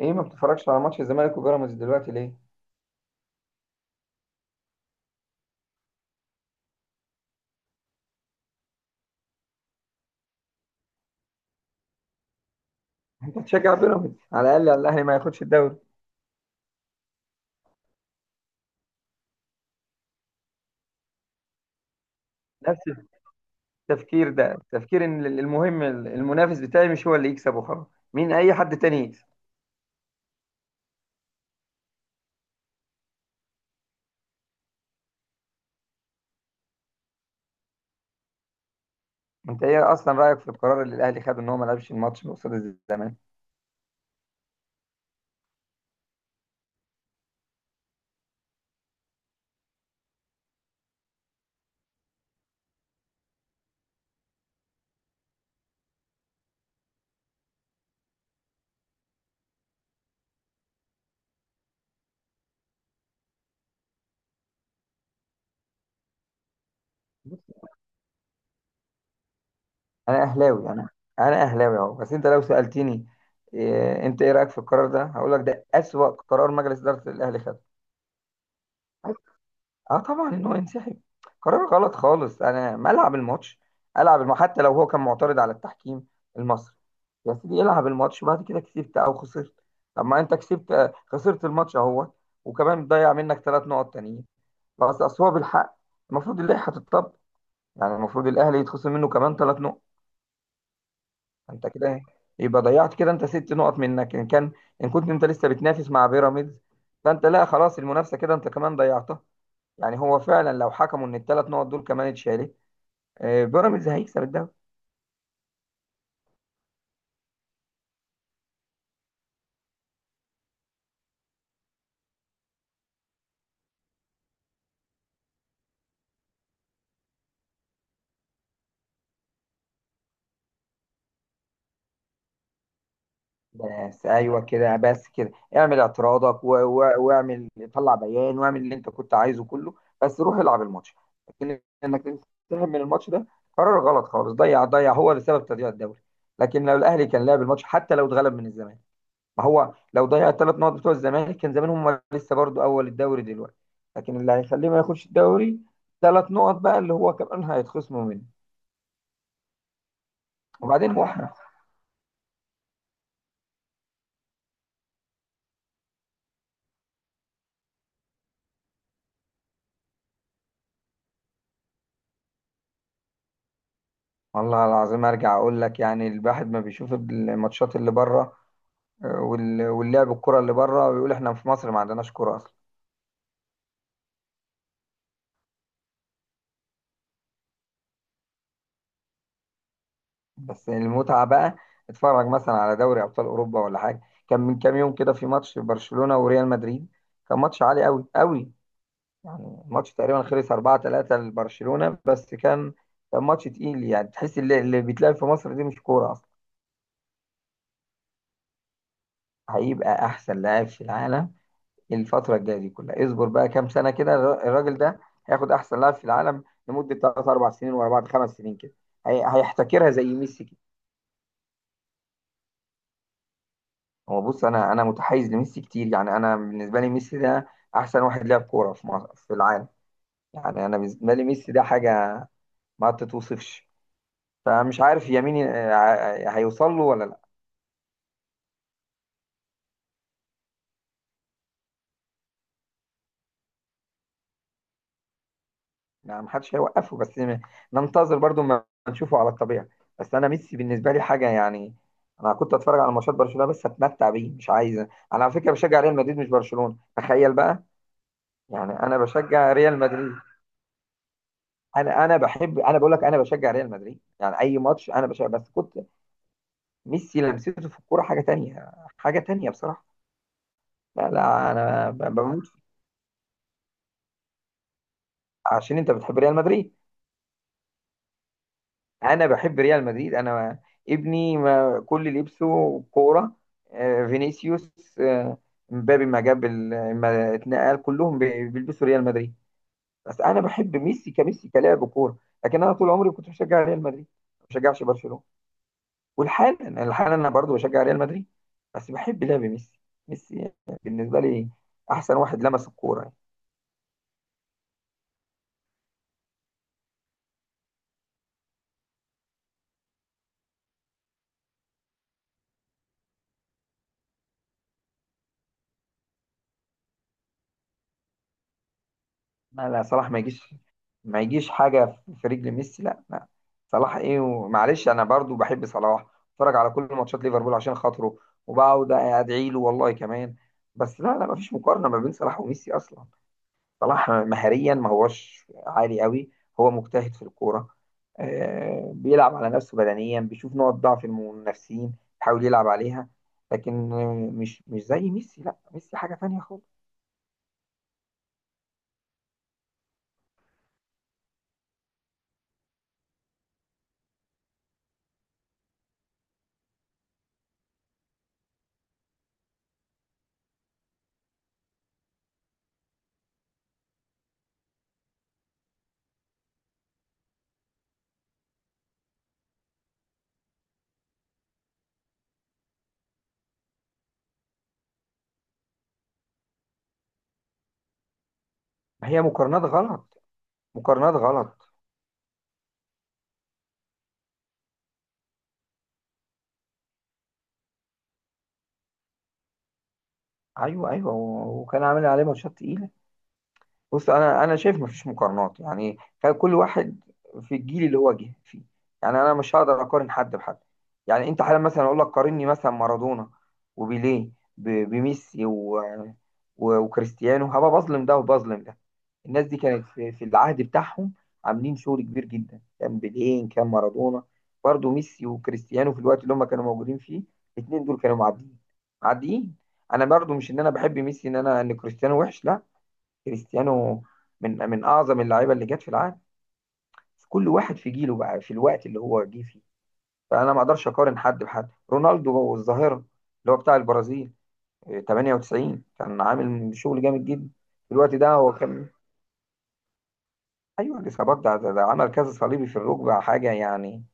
ايه ما بتتفرجش على ماتش الزمالك وبيراميدز دلوقتي ليه؟ انت بتشجع بيراميدز على الاقل على الاهلي ما ياخدش الدوري. نفس التفكير ده تفكير ان المهم المنافس بتاعي مش هو اللي يكسب وخلاص. مين اي حد تاني يكسب. انت ايه اصلا رايك في القرار اللي الاهلي خده ان هو ما لعبش الماتش قصاد الزمالك؟ انا اهلاوي انا. انا اهلاوي اهو، بس انت لو سالتني انت ايه رايك في القرار ده هقول لك ده اسوأ قرار مجلس اداره الاهلي خده. اه، طبعا ان هو ينسحب. قرار غلط خالص. انا ما العب الماتش. العب حتى لو هو كان معترض على التحكيم المصري. يا سيدي العب الماتش، بعد كده كسبت او خسرت. طب ما انت كسبت، خسرت الماتش اهو. وكمان ضيع منك 3 نقط تانيين. بس اصل هو بالحق المفروض اللائحه تتطبق. يعني المفروض الاهلي يتخصم منه كمان 3 نقط. انت كده إيه؟ يبقى ضيعت كده انت 6 نقط منك ان كان، ان كنت انت لسه بتنافس مع بيراميدز. فانت لا، خلاص المنافسه كده انت كمان ضيعتها. يعني هو فعلا لو حكموا ان الثلاث نقط دول كمان اتشالت، بيراميدز هيكسب الدوري. بس ايوه كده، بس كده اعمل اعتراضك واعمل، طلع بيان واعمل اللي انت كنت عايزه كله، بس روح العب الماتش. لكن انك تنسحب من الماتش ده قرار غلط خالص. ضيع ضيع هو اللي سبب تضييع الدوري. لكن لو الاهلي كان لعب الماتش حتى لو اتغلب من الزمالك، ما هو لو ضيع الثلاث نقط بتوع الزمالك كان زمان هم لسه برضو اول الدوري دلوقتي. لكن اللي هيخليه ما ياخدش الدوري 3 نقط بقى اللي هو كمان هيتخصموا منه. وبعدين هو والله العظيم ارجع اقول لك، يعني الواحد ما بيشوف الماتشات اللي بره واللعب الكرة اللي بره، ويقول احنا في مصر ما عندناش كرة اصلا. بس المتعة بقى، اتفرج مثلا على دوري ابطال اوروبا ولا حاجة. كان من كام يوم كده في ماتش برشلونة وريال مدريد. كان ماتش عالي قوي قوي. يعني الماتش تقريبا خلص 4-3 لبرشلونة، بس كان ماتش تقيل. يعني تحس اللي بيتلعب في مصر دي مش كورة اصلا. هيبقى احسن لاعب في العالم الفترة الجاية دي كلها. اصبر بقى كام سنة كده، الراجل ده هياخد أحسن لاعب في العالم لمدة تلات أربع سنين ورا بعض، 5 سنين كده. هيحتكرها زي ميسي كده. هو بص، أنا متحيز لميسي كتير. يعني أنا بالنسبة لي ميسي ده أحسن واحد لعب كورة في مصر في العالم. يعني أنا بالنسبة لي ميسي ده حاجة ما تتوصفش. فمش عارف يمين هيوصل له ولا. يعني محدش هيوقفه، بس ننتظر برضو ما نشوفه على الطبيعة. بس انا ميسي بالنسبة لي حاجة يعني. انا كنت اتفرج على ماتشات برشلونة بس اتمتع بيه، مش عايز انا. على فكرة بشجع ريال مدريد مش برشلونة، تخيل بقى. يعني انا بشجع ريال مدريد انا انا بقول لك انا بشجع ريال مدريد. يعني اي ماتش انا بشجع، بس كنت. ميسي لمسته في الكورة حاجة تانية، حاجة تانية بصراحة. لا لا، انا بموت عشان انت بتحب ريال مدريد. انا بحب ريال مدريد انا. ابني ما كل اللي لبسه كوره، فينيسيوس، مبابي، ما جاب ال- ما اتنقل كلهم بيلبسوا ريال مدريد. بس انا بحب ميسي كميسي كلاعب كوره، لكن انا طول عمري كنت بشجع ريال مدريد. ما بشجعش برشلونه. والحال الحال انا برضو بشجع ريال مدريد، بس بحب لعب ميسي. ميسي بالنسبه لي احسن واحد لمس الكوره يعني. لا لا، صلاح ما يجيش. ما يجيش حاجه في رجل ميسي، لا لا. صلاح ايه ومعلش، انا برضو بحب صلاح. اتفرج على كل ماتشات ليفربول عشان خاطره، وبقعد ادعي له والله كمان. بس لا لا، ما فيش مقارنه ما بين صلاح وميسي اصلا. صلاح مهاريا ما هوش عالي قوي. هو مجتهد في الكوره، بيلعب على نفسه بدنيا، بيشوف نقط ضعف المنافسين، بيحاول يلعب عليها. لكن مش زي ميسي. لا، ميسي حاجه تانية خالص. هي مقارنات غلط. مقارنات غلط. ايوه ايوه، وكان عامل عليه ماتشات تقيله. بص، انا شايف مفيش مقارنات. يعني كان كل واحد في الجيل اللي هو جه فيه. يعني انا مش هقدر اقارن حد بحد. يعني انت حالا مثلا اقول لك قارني مثلا مارادونا وبيليه بميسي وكريستيانو، هبقى بظلم ده وبظلم ده. الناس دي كانت في العهد بتاعهم عاملين شغل كبير جدا. كان بيلين، كان مارادونا، برضو ميسي وكريستيانو في الوقت اللي هم كانوا موجودين فيه الاثنين دول كانوا معديين، معديين. انا برضو مش ان انا بحب ميسي ان انا ان كريستيانو وحش، لا. كريستيانو من اعظم اللعيبه اللي جت في العالم. كل واحد في جيله بقى، في الوقت اللي هو جه فيه. فانا ما اقدرش اقارن حد بحد. رونالدو الظاهره اللي هو بتاع البرازيل، 98 كان عامل شغل جامد جدا في الوقت ده. هو كان، ايوه، الاصابات ده عمل كذا صليبي في الركبه حاجه يعني.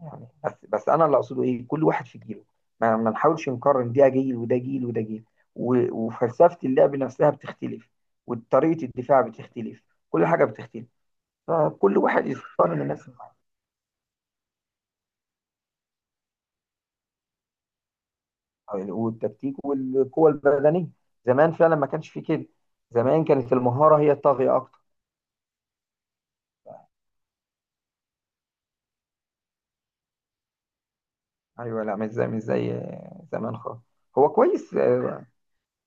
يعني بس انا اللي اقصده ايه، كل واحد في جيله ما نحاولش نقارن. ده جيل وده جيل وده جيل، وفلسفه اللعب نفسها بتختلف، وطريقه الدفاع بتختلف، كل حاجه بتختلف. فكل واحد يقارن الناس اللي معاه. والتكتيك والقوه البدنيه، زمان فعلا ما كانش في كده. زمان كانت المهاره هي الطاغيه اكتر. ايوه، لا مش زي زمان خالص. هو كويس،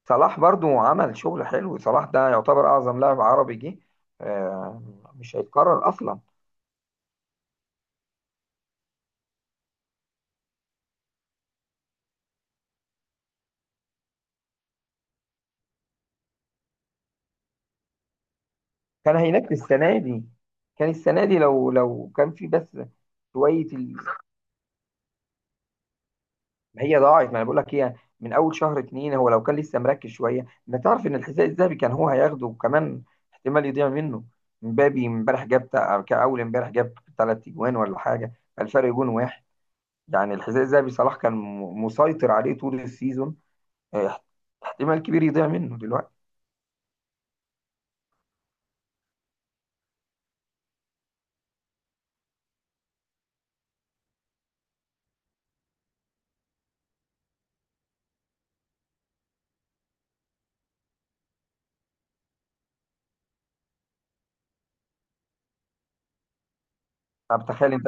صلاح برضو عمل شغل حلو. صلاح ده يعتبر اعظم لاعب عربي جه. آه، مش هيتكرر اصلا. كان هيناك السنه دي. كان السنه دي، لو كان في بس شويه هي ضاعت، ما انا بقول لك هي. من اول شهر اتنين، هو لو كان لسه مركز شويه انت تعرف ان الحذاء الذهبي كان هو هياخده، وكمان احتمال يضيع منه. مبابي امبارح جاب كأول امبارح جاب 3 اجوان ولا حاجه. الفرق جون واحد. يعني الحذاء الذهبي صلاح كان مسيطر عليه طول السيزون، آه، احتمال كبير يضيع منه دلوقتي. طب تخيل انت،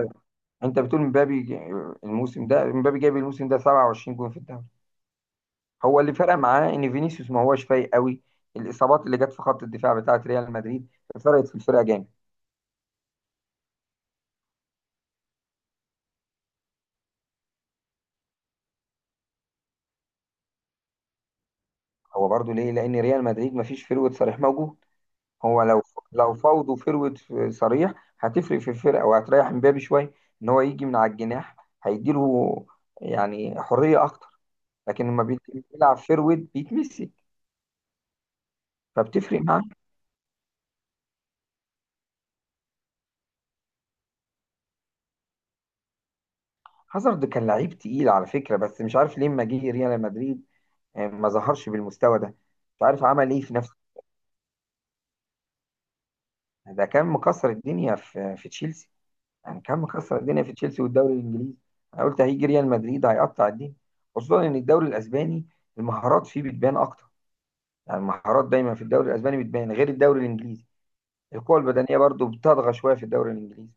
انت بتقول مبابي الموسم ده، مبابي جايب الموسم ده 27 جون في الدوري. هو اللي فرق معاه ان فينيسيوس ما هواش فايق قوي. الاصابات اللي جت في خط الدفاع بتاعه ريال مدريد فرقت في الفرقه جامد. هو برضو ليه؟ لان ريال مدريد ما فيش فروة صريح موجود. هو لو، فاوض وفروة صريح هتفرق في الفرقه وهتريح مبابي شويه. ان هو يجي من على الجناح هيديله يعني حريه اكتر. لكن لما بيلعب فروة بيتمسك، فبتفرق معاه. هازارد كان لعيب تقيل على فكرة، بس مش عارف ليه لما جه ريال مدريد، ما ظهرش بالمستوى ده. مش عارف عمل ايه في نفسه. ده كان مكسر الدنيا في تشيلسي. يعني كان مكسر الدنيا في تشيلسي والدوري الانجليزي. انا قلت هيجي ريال مدريد هيقطع الدنيا، خصوصا ان الدوري الاسباني المهارات فيه بتبان اكتر. يعني المهارات دايما في الدوري الاسباني بتبان غير الدوري الانجليزي. القوة البدنية برضو بتطغى شوية في الدوري الانجليزي.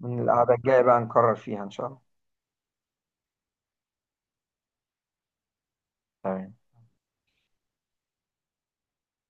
من القعدة الجاية بقى نكرر فيها ان شاء الله. تمام.